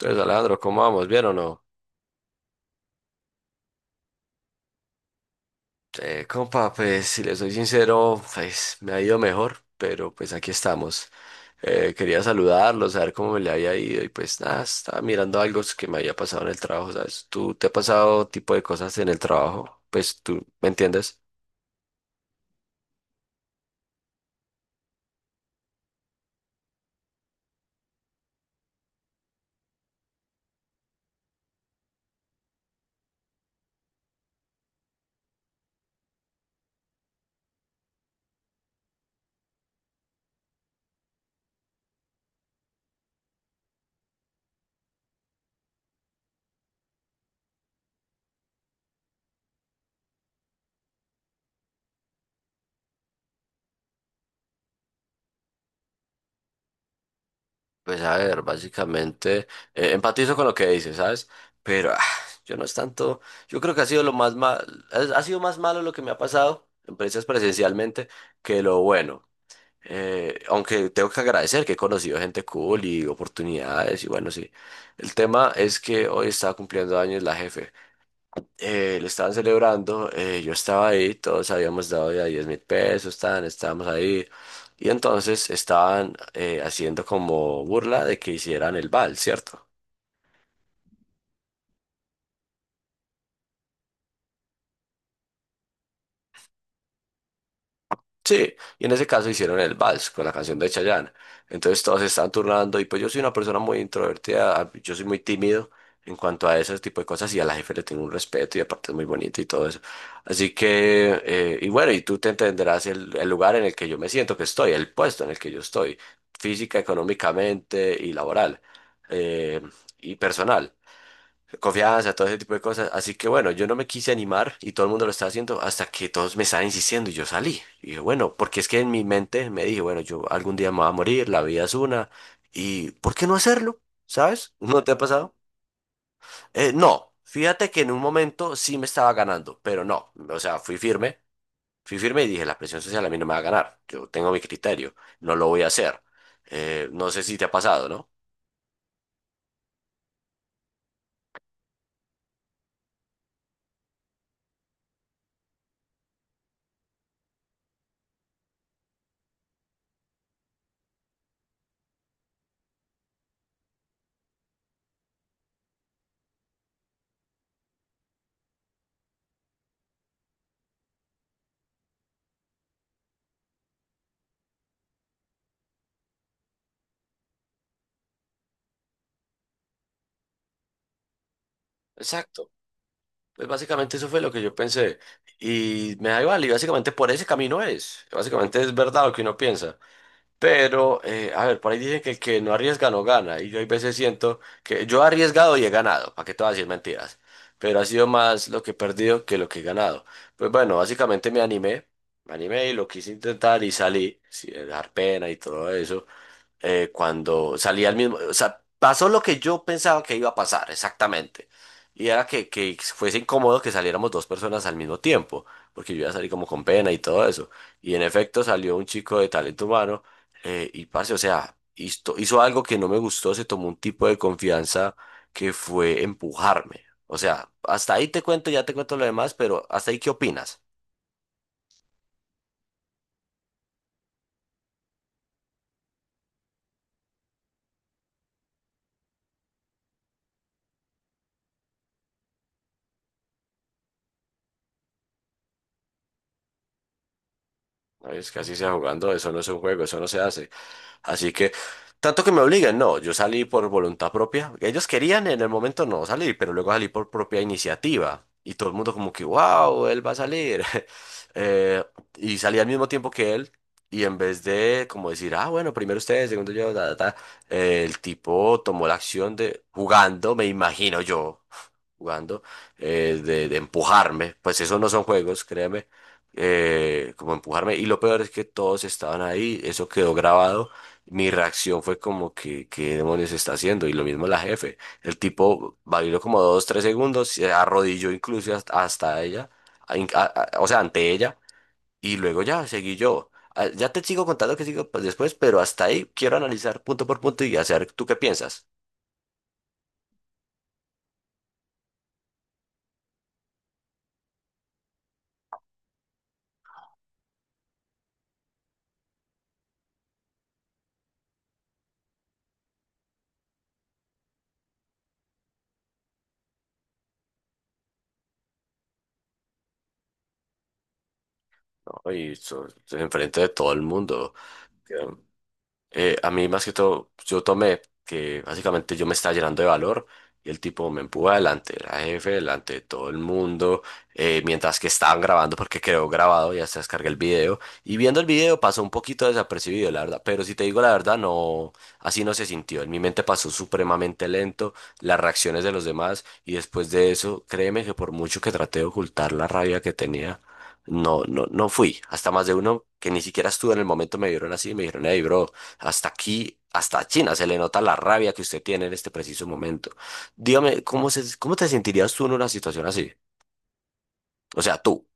Entonces, Alejandro, ¿cómo vamos? ¿Bien o no? Compa, pues si le soy sincero, pues me ha ido mejor, pero pues aquí estamos. Quería saludarlo, saber cómo me le había ido y pues nada, estaba mirando algo que me había pasado en el trabajo, ¿sabes? ¿Tú te ha pasado tipo de cosas en el trabajo? Pues tú, ¿me entiendes? Pues a ver, básicamente, empatizo con lo que dices, ¿sabes? Pero yo no es tanto, yo creo que ha sido lo más mal, ha sido más malo lo que me ha pasado, empresas presencialmente, que lo bueno. Aunque tengo que agradecer que he conocido gente cool y oportunidades y bueno, sí. El tema es que hoy estaba cumpliendo años la jefe. Le estaban celebrando, yo estaba ahí, todos habíamos dado ya 10.000 pesos, estábamos ahí. Y entonces estaban haciendo como burla de que hicieran el vals, ¿cierto? Sí, y en ese caso hicieron el vals con la canción de Chayanne. Entonces todos se estaban turnando y pues yo soy una persona muy introvertida, yo soy muy tímido en cuanto a ese tipo de cosas y a la jefe le tengo un respeto y aparte es muy bonito y todo eso. Así que, y bueno, y tú te entenderás el lugar en el que yo me siento que estoy, el puesto en el que yo estoy, física, económicamente y laboral eh, y personal confianza, todo ese tipo de cosas. Así que bueno, yo no me quise animar y todo el mundo lo estaba haciendo hasta que todos me estaban insistiendo y yo salí. Y dije, bueno, porque es que en mi mente me dije, bueno, yo algún día me voy a morir, la vida es una, y ¿por qué no hacerlo? ¿Sabes? ¿No te ha pasado? No, fíjate que en un momento sí me estaba ganando, pero no, o sea, fui firme y dije, la presión social a mí no me va a ganar, yo tengo mi criterio, no lo voy a hacer. No sé si te ha pasado, ¿no? Exacto. Pues básicamente eso fue lo que yo pensé. Y me da igual, y básicamente por ese camino es. Básicamente es verdad lo que uno piensa. Pero, a ver, por ahí dicen que el que no arriesga no gana. Y yo hay veces siento que yo he arriesgado y he ganado, para que te voy a decir mentiras. Pero ha sido más lo que he perdido que lo que he ganado. Pues bueno, básicamente me animé. Me animé y lo quise intentar y salí, sin dar pena y todo eso, cuando salí al mismo, o sea, pasó lo que yo pensaba que iba a pasar, exactamente. Y era que fuese incómodo que saliéramos dos personas al mismo tiempo, porque yo iba a salir como con pena y todo eso. Y en efecto salió un chico de talento humano, y parce, o sea, hizo algo que no me gustó, se tomó un tipo de confianza que fue empujarme. O sea, hasta ahí te cuento, ya te cuento lo demás, pero hasta ahí, ¿qué opinas? Es que así sea jugando, eso no es un juego, eso no se hace. Así que, tanto que me obligan, no, yo salí por voluntad propia. Ellos querían en el momento no salir, pero luego salí por propia iniciativa. Y todo el mundo como que, wow, él va a salir. Eh, y salí al mismo tiempo que él. Y en vez de como decir, ah, bueno, primero ustedes, segundo yo, ta, ta, ta, el tipo tomó la acción de jugando, me imagino yo jugando, de empujarme, pues esos no son juegos, créeme, como empujarme, y lo peor es que todos estaban ahí, eso quedó grabado, mi reacción fue como que, ¿qué demonios está haciendo? Y lo mismo la jefe, el tipo bailó como 2, 3 segundos, se arrodilló incluso hasta, hasta ella, a- in- a- o sea, ante ella, y luego ya seguí yo. Ya te sigo contando que sigo pues, después, pero hasta ahí quiero analizar punto por punto y hacer tú qué piensas, ¿no? Y eso, enfrente de todo el mundo. A mí más que todo, yo tomé que básicamente yo me estaba llenando de valor y el tipo me empujó adelante, era jefe, delante de todo el mundo, mientras que estaban grabando, porque quedó grabado, ya se descargué el video y viendo el video pasó un poquito desapercibido, la verdad, pero si te digo la verdad, no, así no se sintió, en mi mente pasó supremamente lento, las reacciones de los demás y después de eso, créeme que por mucho que traté de ocultar la rabia que tenía, no, no, no fui, hasta más de uno que ni siquiera estuvo en el momento me vieron así y me dijeron, hey, bro. Hasta aquí, hasta China, se le nota la rabia que usted tiene en este preciso momento. Dígame, ¿cómo se, cómo te sentirías tú en una situación así? O sea, tú.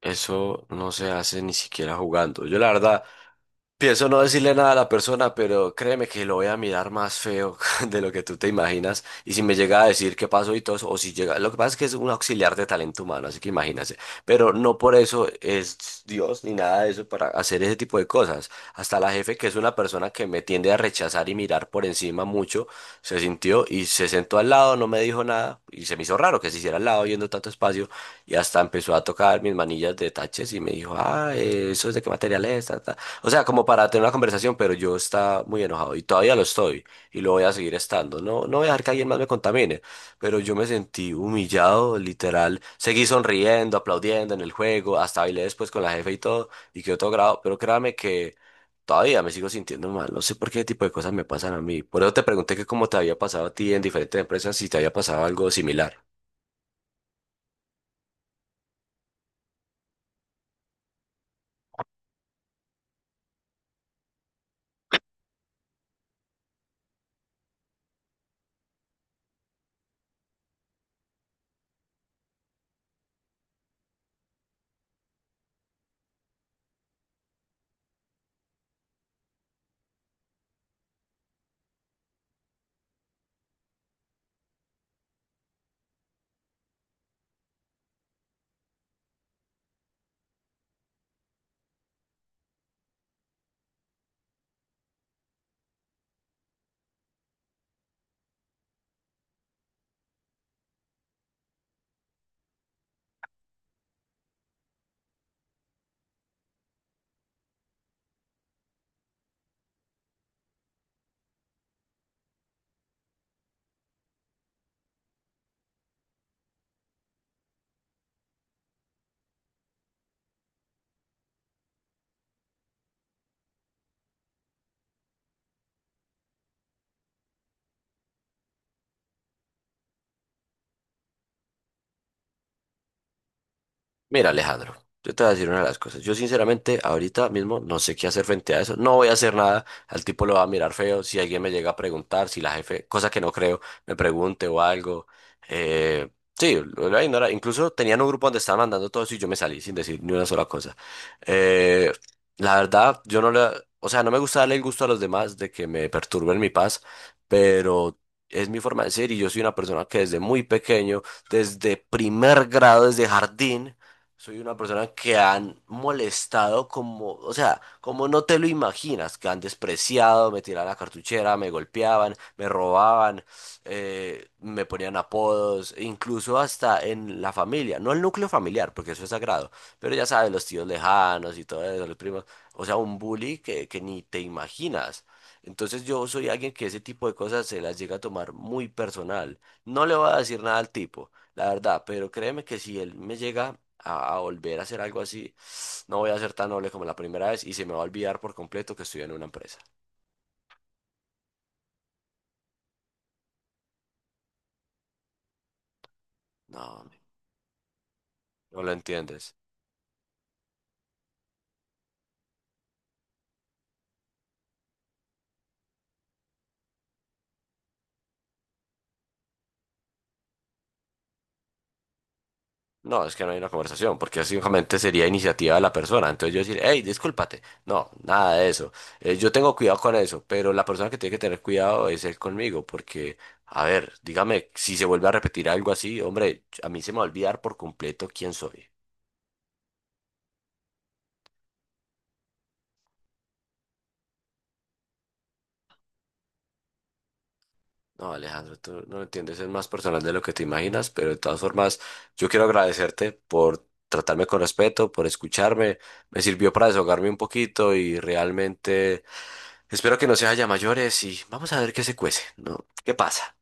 Eso no se hace ni siquiera jugando. Yo la verdad pienso no decirle nada a la persona, pero créeme que lo voy a mirar más feo de lo que tú te imaginas. Y si me llega a decir qué pasó y todo eso, o si llega, lo que pasa es que es un auxiliar de talento humano, así que imagínate. Pero no por eso es Dios ni nada de eso para hacer ese tipo de cosas. Hasta la jefe, que es una persona que me tiende a rechazar y mirar por encima mucho, se sintió y se sentó al lado, no me dijo nada y se me hizo raro que se hiciera al lado viendo tanto espacio y hasta empezó a tocar mis manillas de taches y me dijo, ah, eso es de qué material es, ta, ta. O sea, como para tener una conversación, pero yo estaba muy enojado y todavía lo estoy y lo voy a seguir estando. No, no voy a dejar que alguien más me contamine, pero yo me sentí humillado, literal. Seguí sonriendo, aplaudiendo en el juego, hasta bailé después con la jefe y todo y quedó todo grabado, pero créame que todavía me sigo sintiendo mal. No sé por qué tipo de cosas me pasan a mí. Por eso te pregunté que cómo te había pasado a ti en diferentes empresas, si te había pasado algo similar. Mira, Alejandro, yo te voy a decir una de las cosas. Yo sinceramente ahorita mismo no sé qué hacer frente a eso. No voy a hacer nada. Al tipo lo va a mirar feo. Si alguien me llega a preguntar, si la jefe, cosa que no creo, me pregunte o algo. Eh, sí, lo voy a ignorar. Incluso tenían un grupo donde estaban mandando todo eso y yo me salí sin decir ni una sola cosa. Eh, la verdad, yo no le... O sea, no me gusta darle el gusto a los demás de que me perturben mi paz, pero... Es mi forma de ser y yo soy una persona que desde muy pequeño, desde 1.er grado, desde jardín, soy una persona que han molestado como, o sea, como no te lo imaginas, que han despreciado, me tiraban la cartuchera, me golpeaban, me robaban, me ponían apodos, e incluso hasta en la familia, no el núcleo familiar, porque eso es sagrado, pero ya sabes, los tíos lejanos y todo eso, los primos, o sea, un bully que ni te imaginas. Entonces yo soy alguien que ese tipo de cosas se las llega a tomar muy personal. No le voy a decir nada al tipo, la verdad, pero créeme que si él me llega a, volver a hacer algo así, no voy a ser tan noble como la primera vez y se me va a olvidar por completo que estoy en una empresa. No, no lo entiendes. No, es que no hay una conversación, porque simplemente sería iniciativa de la persona. Entonces yo decir, hey, discúlpate. No, nada de eso. Yo tengo cuidado con eso, pero la persona que tiene que tener cuidado es él conmigo, porque, a ver, dígame, si se vuelve a repetir algo así, hombre, a mí se me va a olvidar por completo quién soy. No, Alejandro, tú no lo entiendes, es más personal de lo que te imaginas, pero de todas formas, yo quiero agradecerte por tratarme con respeto, por escucharme. Me sirvió para desahogarme un poquito y realmente espero que no se haya mayores y vamos a ver qué se cuece, ¿no? ¿Qué pasa?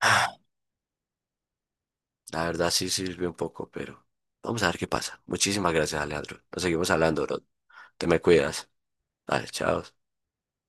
Ah, La verdad sí sirvió un poco, pero vamos a ver qué pasa. Muchísimas gracias, Alejandro. Nos seguimos hablando, bro. Te me cuidas. Vale, chao.